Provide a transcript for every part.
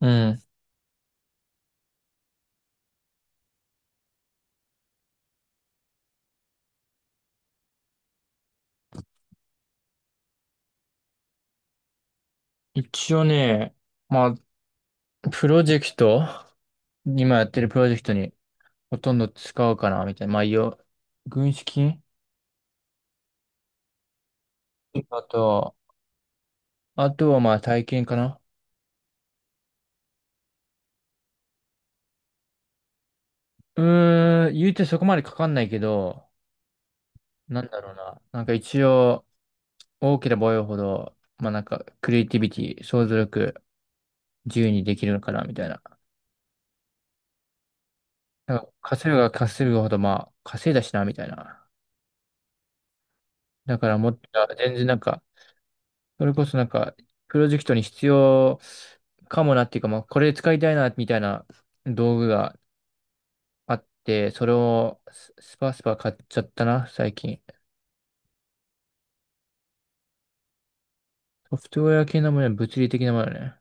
うん。一応ね、まあ、プロジェクト、今やってるプロジェクトにほとんど使うかな、みたいな。軍資金、あと、あとはまあ体験かな。言うてそこまでかかんないけど、なんだろうな。一応、大きなボイいほど、クリエイティビティ、想像力、自由にできるのかな、みたいな。なんか稼ぐが稼ぐほど、まあ、稼いだしな、みたいな。だからもっと、全然なんか、それこそなんか、プロジェクトに必要かもなっていうか、まあ、これ使いたいな、みたいな道具があって、それをススパスパ買っちゃったな、最近。ソフトウェア系のもの、物理的なものね。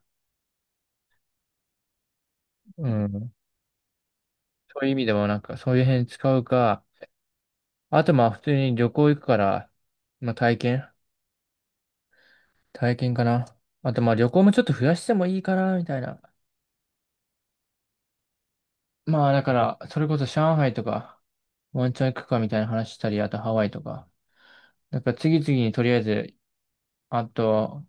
うん。そういう意味でもなんか、そういう辺使うか、あとまあ、普通に旅行行くから、まあ、体験、体験かな。あとまあ、旅行もちょっと増やしてもいいかな、みたいな。まあ、だから、それこそ上海とか、ワンチャン行くかみたいな話したり、あとハワイとか。なんか次々にとりあえず、あと、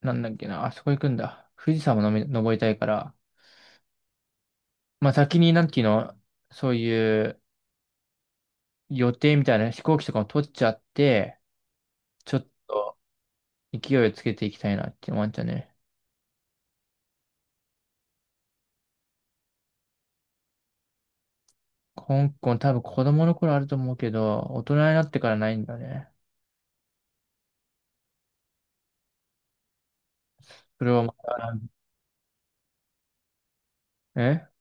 なんだっけな、あそこ行くんだ。富士山ものみ登りたいから、まあ先になんていうの、そういう予定みたいな飛行機とかも取っちゃって、ちょっと勢いをつけていきたいなって思っちゃうね。香港、多分子供の頃あると思うけど、大人になってからないんだね。それはまた、え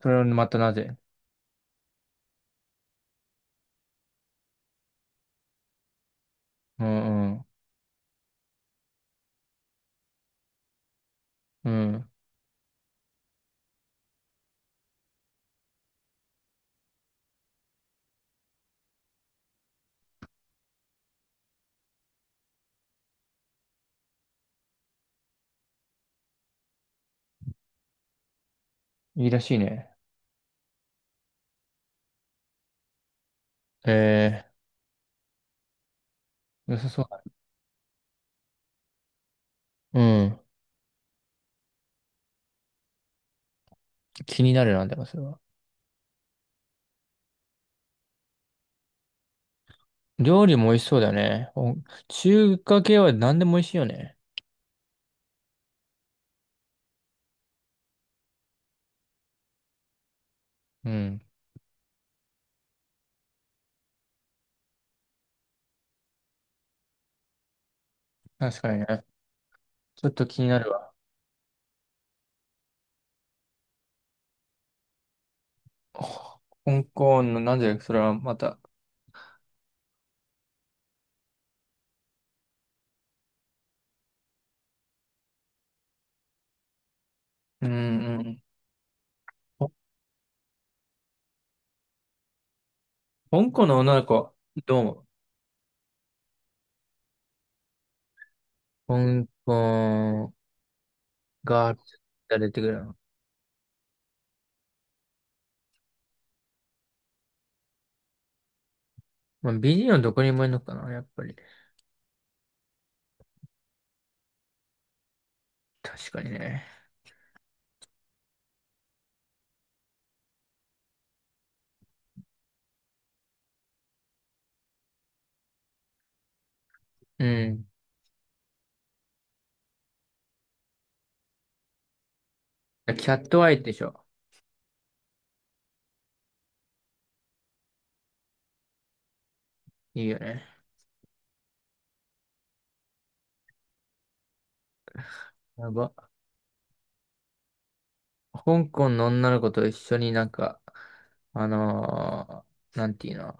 それはまたなぜ？うん、うん。うん。いいらしいね。えー、良さそうだね。うん。気になるなんだよ、それは。料理も美味しそうだよね。お、中華系は何でも美味しいよね。うん。確かにね。ちょっと気になるわ。ほ香港の、なんでそれはまた。うん、うん。ほ香港の女の子、どう思う？香港が出てくるの。まあ、美人はどこにもいるのかな、やっぱり。確かにね。うん。キャットアイでしょ。いいよね。やば。香港の女の子と一緒になんか、あのなんていうの、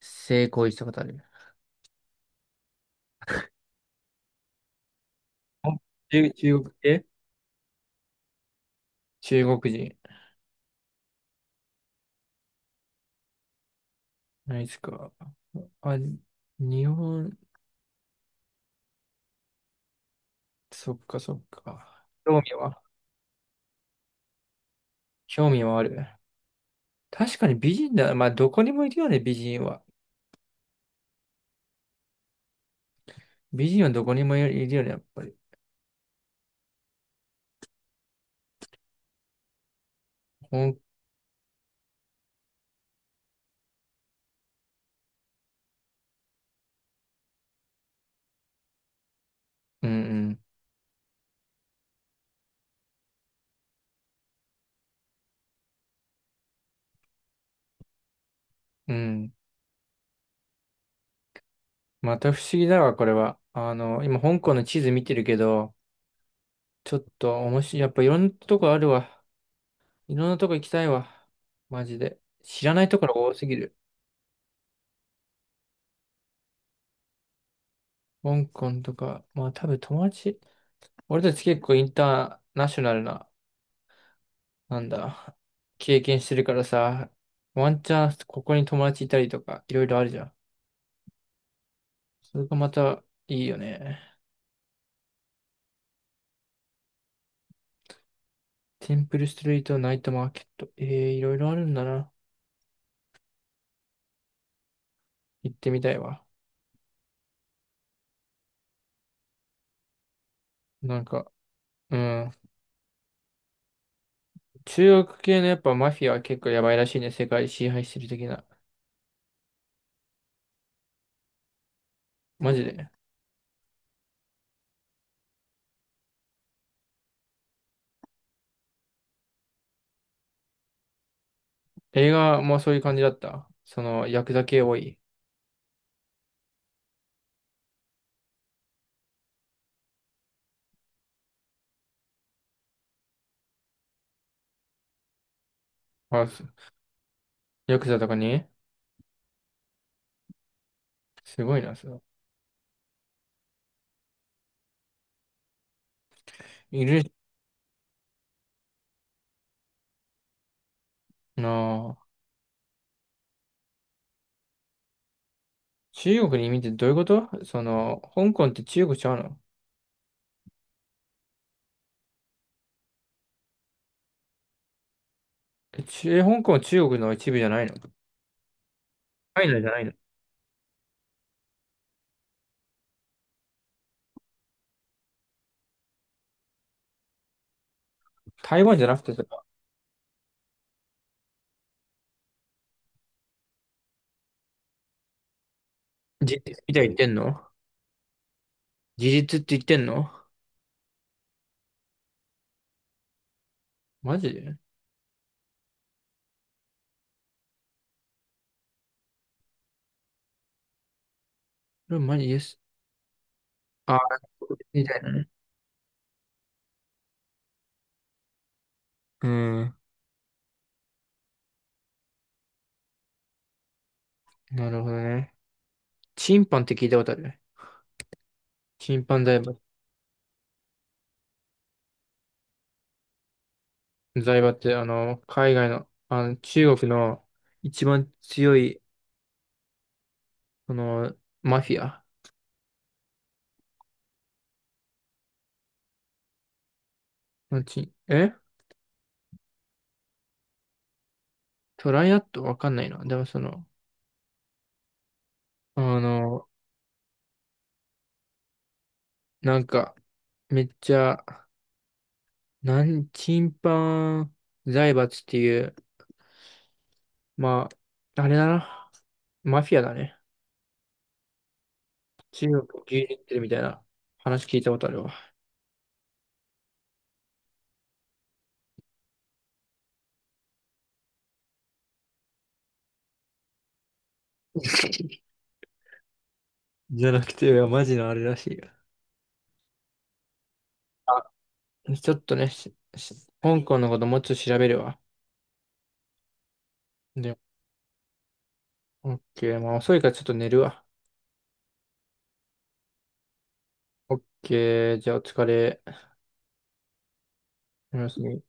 性行為したことある？あ中国系、中国人。ないですか。あ、日本、そっかそっか。興味はある。確かに美人だ。まあ、どこにもいるよね、美人は。美人はどこにもいるよね、やっぱり。ほん、うん、うん。うん。また不思議だわ、これは。あの、今、香港の地図見てるけど、ちょっと面白い。やっぱいろんなとこあるわ。いろんなとこ行きたいわ。マジで。知らないところ多すぎる。香港とか、まあ多分友達。俺たち結構インターナショナルな、なんだ、経験してるからさ、ワンチャンここに友達いたりとか、いろいろあるじゃん。それがまたいいよね。テンプルストリート、ナイトマーケット。ええ、いろいろあるんだな。行ってみたいわ。なんか、うん。中国系のやっぱマフィアは結構やばいらしいね。世界支配してる的な。マジで。映画もそういう感じだった。その、ヤクザ系多い。あ、すヤクザとかに、すごいな、その。いるな、中国に移民ってどういうこと？その、香港って中国ちゃうの？香港は中国の一部じゃないの？タイナじゃないの？台湾じゃなくてさ、それは事実みたいに言ってんの？事実って言ってんの？マジで？これマジです。あー、みたいなね。うん。なるほどね。チンパンって聞いたことある？チンパン財閥。財閥って、あの、海外の、あの、中国の一番強い、その、マフィアのチン、えトライアットわかんないな。でもその、あの、なんか、めっちゃ、チンパン財閥っていう、まあ、あれだな。マフィアだね。中国を牛耳ってるみたいな話聞いたことあるわ。じゃなくて、マジのあれらしいよ。あ、ちょっとね、香港のこともうちょっと調べるわ。で、オッケー、まあ遅いからちょっと寝るわ。オッケー、じゃあお疲れ。おやすみ。